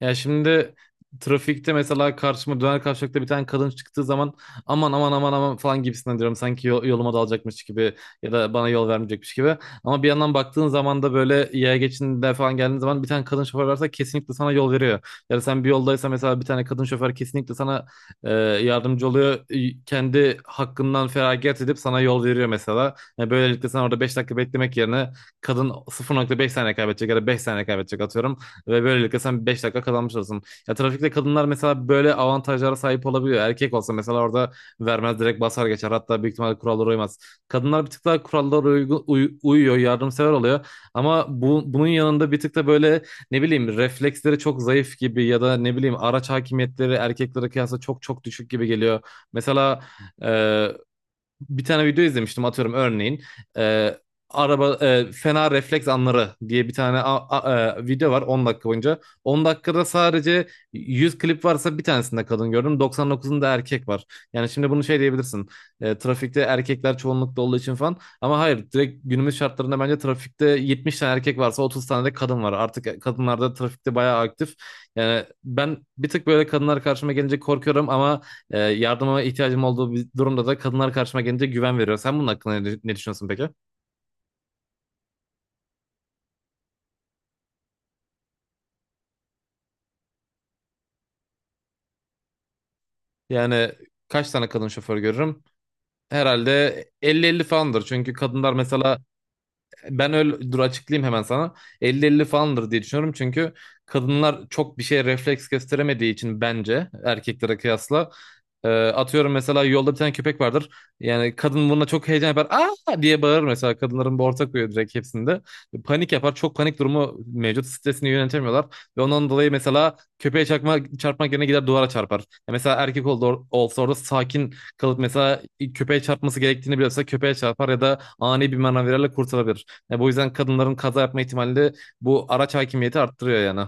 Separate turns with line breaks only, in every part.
Ya şimdi trafikte mesela karşıma döner kavşakta bir tane kadın çıktığı zaman aman aman aman aman falan gibisinden diyorum. Sanki yoluma dalacakmış gibi ya da bana yol vermeyecekmiş gibi. Ama bir yandan baktığın zaman da böyle yaya geçidinde falan geldiğin zaman bir tane kadın şoför varsa kesinlikle sana yol veriyor. Yani sen bir yoldaysa mesela bir tane kadın şoför kesinlikle sana yardımcı oluyor. Kendi hakkından feragat edip sana yol veriyor mesela. Yani böylelikle sen orada 5 dakika beklemek yerine kadın sıfır nokta beş saniye kaybedecek ya da 5 saniye kaybedecek atıyorum. Ve böylelikle sen 5 dakika kazanmış olursun. Ya trafikte kadınlar mesela böyle avantajlara sahip olabiliyor. Erkek olsa mesela orada vermez, direkt basar geçer. Hatta büyük ihtimalle kurallara uymaz. Kadınlar bir tık daha kurallara uyuyor, yardımsever oluyor. Ama bunun yanında bir tık da böyle ne bileyim refleksleri çok zayıf gibi ya da ne bileyim araç hakimiyetleri erkeklere kıyasla çok çok düşük gibi geliyor. Mesela bir tane video izlemiştim atıyorum örneğin, e, araba fena refleks anları diye bir tane video var 10 dakika boyunca. On dakikada sadece 100 klip varsa bir tanesinde kadın gördüm, doksan dokuzunda erkek var. Yani şimdi bunu şey diyebilirsin, trafikte erkekler çoğunlukta olduğu için falan, ama hayır, direkt günümüz şartlarında bence trafikte 70 tane erkek varsa 30 tane de kadın var. Artık kadınlar da trafikte bayağı aktif. Yani ben bir tık böyle kadınlar karşıma gelince korkuyorum ama yardıma ihtiyacım olduğu bir durumda da kadınlar karşıma gelince güven veriyor. Sen bunun hakkında ne düşünüyorsun peki? Yani kaç tane kadın şoför görürüm? Herhalde elli elli falandır. Çünkü kadınlar mesela ben öyle dur açıklayayım hemen sana. 50-50 falandır diye düşünüyorum, çünkü kadınlar çok bir şeye refleks gösteremediği için bence erkeklere kıyasla, atıyorum mesela yolda bir tane köpek vardır. Yani kadın buna çok heyecan yapar. Aa diye bağırır mesela. Kadınların bir ortak huyu, direkt hepsinde. Panik yapar. Çok panik durumu mevcut. Stresini yönetemiyorlar. Ve ondan dolayı mesela köpeğe çarpmak yerine gider duvara çarpar. Ya mesela erkek olsa orada sakin kalıp mesela köpeğe çarpması gerektiğini biliyorsa köpeğe çarpar ya da ani bir manevralarla kurtarabilir. Bu yüzden kadınların kaza yapma ihtimali de bu araç hakimiyeti arttırıyor yani.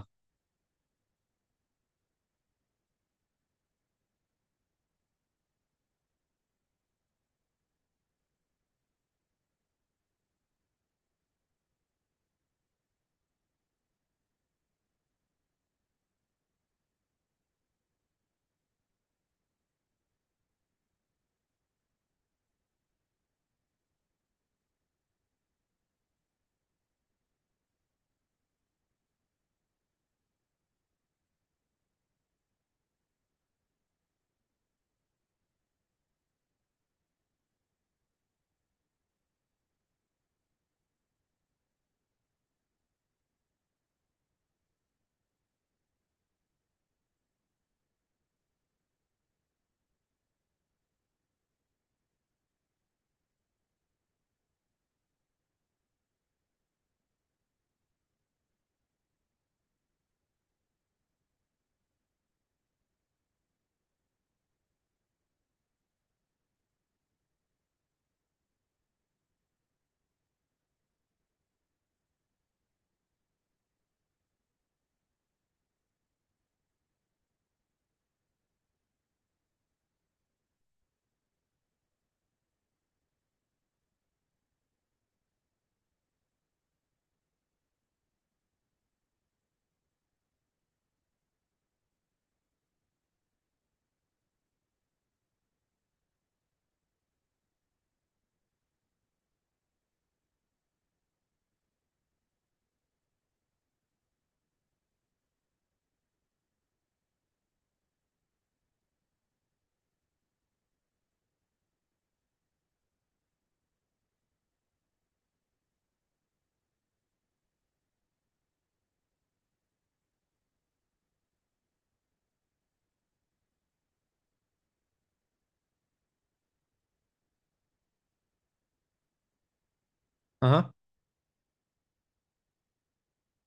Aha.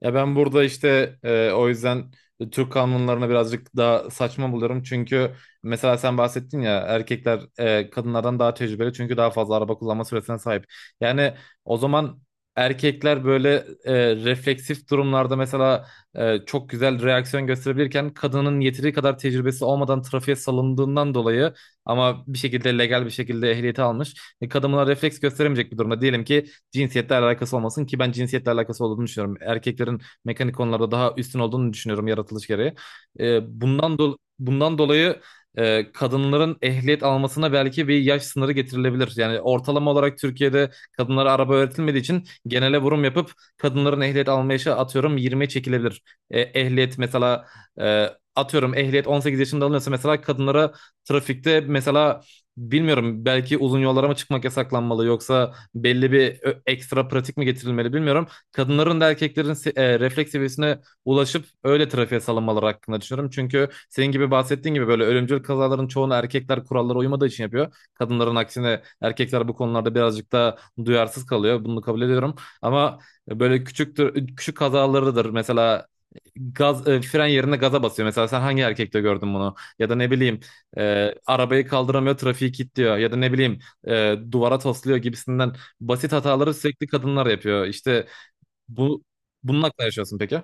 Ya ben burada işte, o yüzden Türk kanunlarına birazcık daha saçma buluyorum. Çünkü mesela sen bahsettin ya, erkekler, kadınlardan daha tecrübeli çünkü daha fazla araba kullanma süresine sahip. Yani o zaman erkekler böyle, refleksif durumlarda mesela, çok güzel reaksiyon gösterebilirken kadının yeteri kadar tecrübesi olmadan trafiğe salındığından dolayı ama bir şekilde legal bir şekilde ehliyeti almış. E, kadın buna refleks gösteremeyecek bir durumda. Diyelim ki cinsiyetle alakası olmasın, ki ben cinsiyetle alakası olduğunu düşünüyorum. Erkeklerin mekanik konularda daha üstün olduğunu düşünüyorum yaratılış gereği. E, bundan dolayı kadınların ehliyet almasına belki bir yaş sınırı getirilebilir. Yani ortalama olarak Türkiye'de kadınlara araba öğretilmediği için genele vurum yapıp kadınların ehliyet alma yaşı atıyorum 20'ye çekilebilir. E, ehliyet mesela, e, atıyorum ehliyet 18 yaşında alınıyorsa mesela kadınlara trafikte mesela bilmiyorum belki uzun yollara mı çıkmak yasaklanmalı yoksa belli bir ekstra pratik mi getirilmeli bilmiyorum. Kadınların da erkeklerin refleks seviyesine ulaşıp öyle trafiğe salınmaları hakkında düşünüyorum. Çünkü senin gibi bahsettiğin gibi böyle ölümcül kazaların çoğunu erkekler kurallara uymadığı için yapıyor. Kadınların aksine erkekler bu konularda birazcık daha duyarsız kalıyor. Bunu kabul ediyorum. Ama böyle küçük kazalarıdır. Mesela gaz, fren yerine gaza basıyor. Mesela sen hangi erkekte gördün bunu? Ya da ne bileyim, arabayı kaldıramıyor, trafiği kilitliyor. Ya da ne bileyim, duvara tosluyor gibisinden basit hataları sürekli kadınlar yapıyor. İşte bu bunun hakkında yaşıyorsun peki?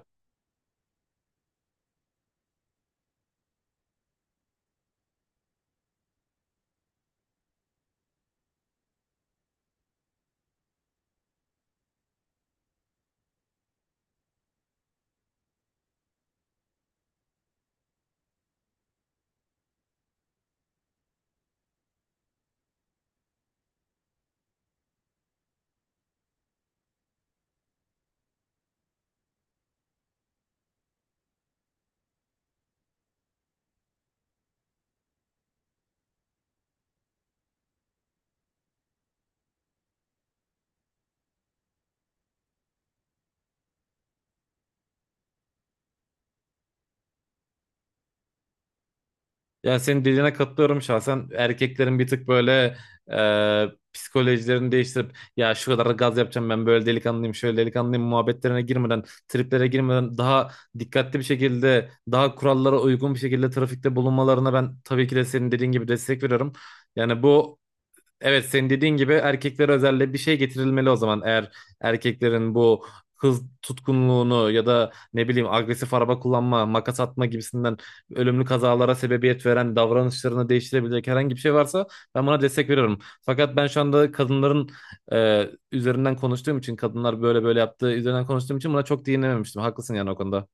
Yani senin dediğine katılıyorum şahsen. Erkeklerin bir tık böyle, e, psikolojilerini değiştirip, ya şu kadar gaz yapacağım, ben böyle delikanlıyım şöyle delikanlıyım muhabbetlerine girmeden, triplere girmeden, daha dikkatli bir şekilde, daha kurallara uygun bir şekilde trafikte bulunmalarına ben tabii ki de senin dediğin gibi destek veriyorum. Yani bu, evet, senin dediğin gibi erkeklere özelde bir şey getirilmeli o zaman. Eğer erkeklerin bu hız tutkunluğunu ya da ne bileyim agresif araba kullanma, makas atma gibisinden ölümlü kazalara sebebiyet veren davranışlarını değiştirebilecek herhangi bir şey varsa ben buna destek veriyorum. Fakat ben şu anda kadınların e, üzerinden konuştuğum için, kadınlar böyle böyle yaptığı üzerinden konuştuğum için buna çok değinememiştim. Haklısın yani o konuda.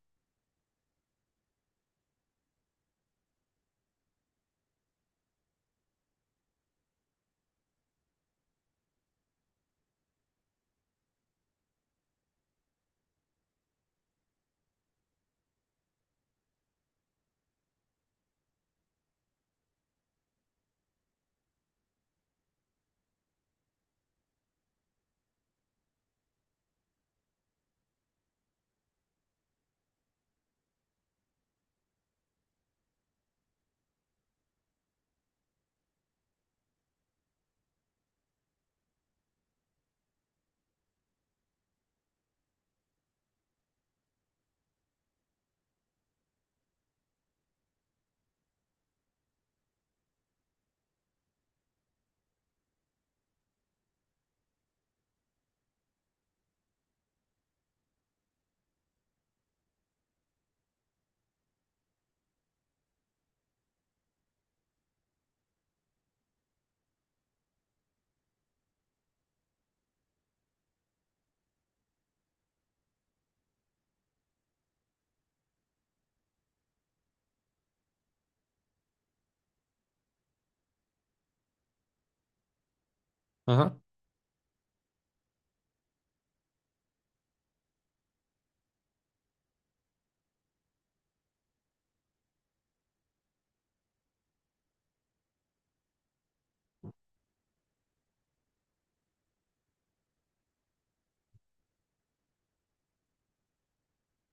Aha.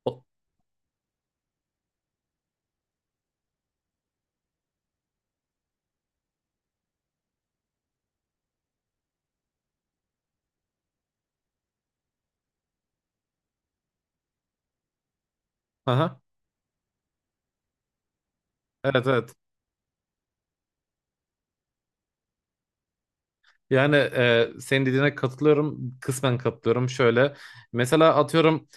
O- Aha. Evet, evet. Yani, senin dediğine katılıyorum. Kısmen katılıyorum. Şöyle, mesela atıyorum,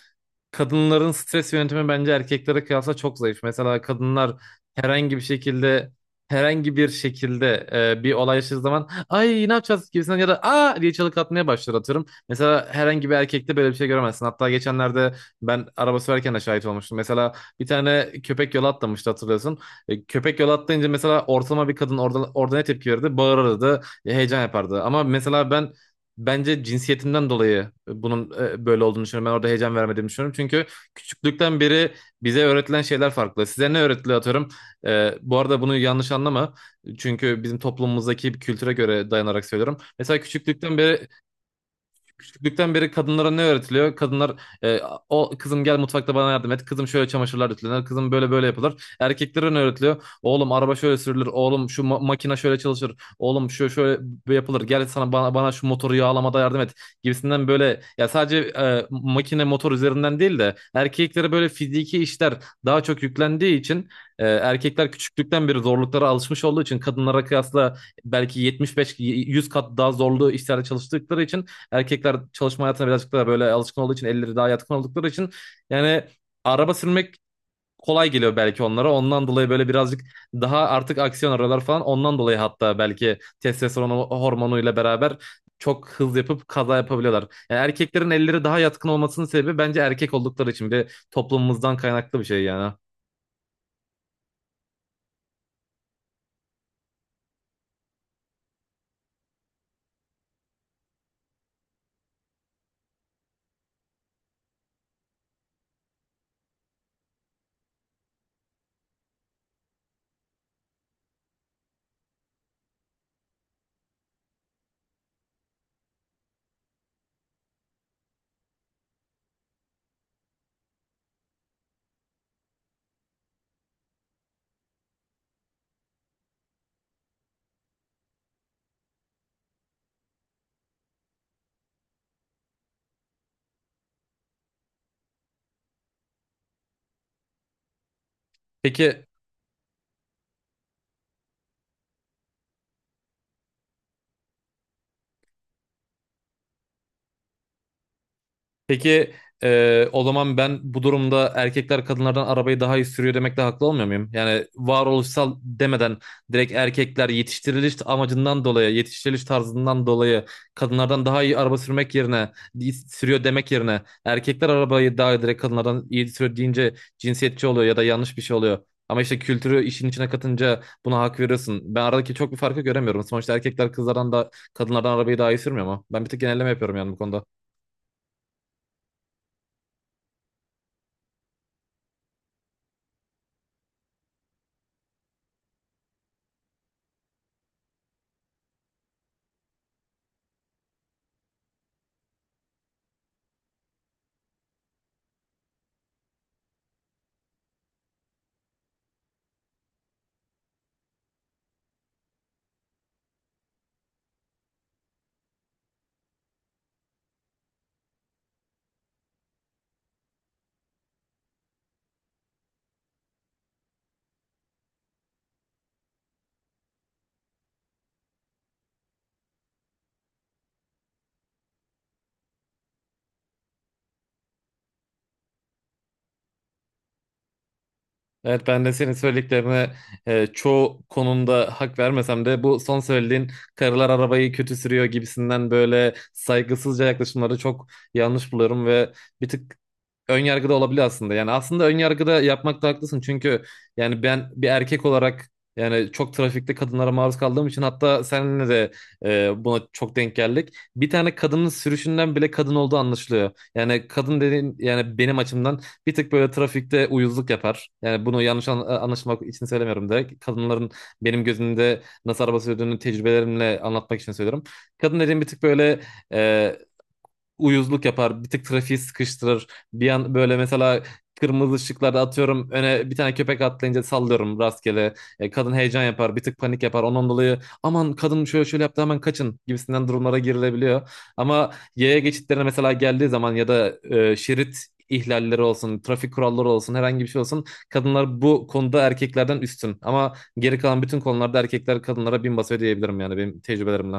kadınların stres yönetimi bence erkeklere kıyasla çok zayıf. Mesela kadınlar herhangi bir şekilde herhangi bir şekilde bir olay yaşadığı zaman ay ne yapacağız gibisinden ya da aa diye çığlık atmaya başlar atıyorum. Mesela herhangi bir erkekte böyle bir şey göremezsin. Hatta geçenlerde ben araba sürerken de şahit olmuştum. Mesela bir tane köpek yola atlamıştı, hatırlıyorsun. E, köpek yola atlayınca mesela ortalama bir kadın orada ne tepki verirdi? Bağırırdı, heyecan yapardı. Ama mesela ben bence cinsiyetimden dolayı bunun böyle olduğunu düşünüyorum. Ben orada heyecan vermediğimi düşünüyorum. Çünkü küçüklükten beri bize öğretilen şeyler farklı. Size ne öğretiliyor atıyorum. E, bu arada bunu yanlış anlama. Çünkü bizim toplumumuzdaki bir kültüre göre dayanarak söylüyorum. Mesela küçüklükten beri, küçüklükten beri kadınlara ne öğretiliyor? Kadınlar, e, o kızım gel mutfakta bana yardım et. Kızım şöyle çamaşırlar ütülenir. Kızım böyle böyle yapılır. Erkeklere ne öğretiliyor? Oğlum araba şöyle sürülür. Oğlum şu makine şöyle çalışır. Oğlum şu şöyle böyle yapılır. Gel sana bana şu motoru yağlamada yardım et. Gibisinden böyle ya sadece makine motor üzerinden değil de erkeklere böyle fiziki işler daha çok yüklendiği için, erkekler küçüklükten beri zorluklara alışmış olduğu için kadınlara kıyasla belki 75-100 kat daha zorlu işlerde çalıştıkları için, erkekler çalışma hayatına birazcık daha böyle alışkın olduğu için, elleri daha yatkın oldukları için, yani araba sürmek kolay geliyor belki onlara. Ondan dolayı böyle birazcık daha artık aksiyon arıyorlar falan. Ondan dolayı hatta belki testosteron hormonuyla beraber çok hız yapıp kaza yapabiliyorlar. Yani erkeklerin elleri daha yatkın olmasının sebebi bence erkek oldukları için, bir de toplumumuzdan kaynaklı bir şey yani. Peki, peki, o zaman ben bu durumda erkekler kadınlardan arabayı daha iyi sürüyor demekle haklı olmuyor muyum? Yani varoluşsal demeden, direkt erkekler yetiştiriliş amacından dolayı, yetiştiriliş tarzından dolayı kadınlardan daha iyi araba sürmek yerine, sürüyor demek yerine erkekler arabayı daha direkt kadınlardan iyi sürüyor deyince cinsiyetçi oluyor ya da yanlış bir şey oluyor. Ama işte kültürü işin içine katınca buna hak veriyorsun. Ben aradaki çok bir farkı göremiyorum. Sonuçta erkekler kızlardan da, kadınlardan arabayı daha iyi sürmüyor ama ben bir tek genelleme yapıyorum yani bu konuda. Evet, ben de senin söylediklerine çoğu konumda hak vermesem de, bu son söylediğin karılar arabayı kötü sürüyor gibisinden böyle saygısızca yaklaşımları çok yanlış buluyorum ve bir tık önyargıda olabilir aslında. Yani aslında önyargıda yapmakta haklısın. Çünkü yani ben bir erkek olarak, yani çok trafikte kadınlara maruz kaldığım için, hatta seninle de buna çok denk geldik. Bir tane kadının sürüşünden bile kadın olduğu anlaşılıyor. Yani kadın dediğin, yani benim açımdan bir tık böyle trafikte uyuzluk yapar. Yani bunu yanlış anlaşılmak için söylemiyorum direkt. Kadınların benim gözümde nasıl araba sürdüğünü tecrübelerimle anlatmak için söylüyorum. Kadın dediğim bir tık böyle e, uyuzluk yapar. Bir tık trafiği sıkıştırır. Bir an böyle mesela kırmızı ışıklarda atıyorum öne bir tane köpek atlayınca sallıyorum rastgele. E, kadın heyecan yapar, bir tık panik yapar. Ondan dolayı aman kadın şöyle şöyle yaptı hemen kaçın gibisinden durumlara girilebiliyor. Ama yaya geçitlerine mesela geldiği zaman ya da, şerit ihlalleri olsun, trafik kuralları olsun, herhangi bir şey olsun. Kadınlar bu konuda erkeklerden üstün. Ama geri kalan bütün konularda erkekler kadınlara bin basıyor diyebilirim yani benim tecrübelerimle.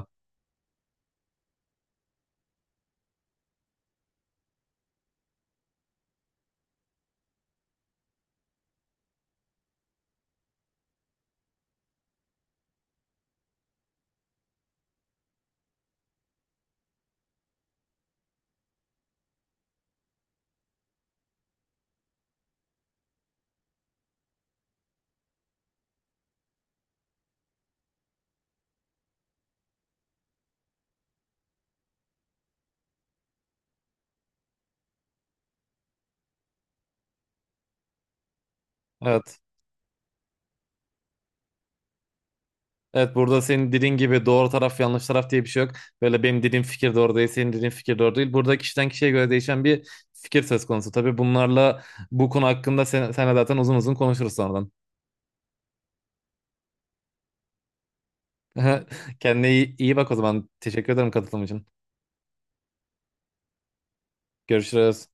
Evet. Evet, burada senin dediğin gibi doğru taraf yanlış taraf diye bir şey yok. Böyle benim dediğim fikir doğru değil, senin dediğin fikir doğru değil. Burada kişiden kişiye göre değişen bir fikir söz konusu. Tabii bunlarla bu konu hakkında senle zaten uzun uzun konuşuruz sonradan. Kendine iyi bak o zaman. Teşekkür ederim katılım için. Görüşürüz.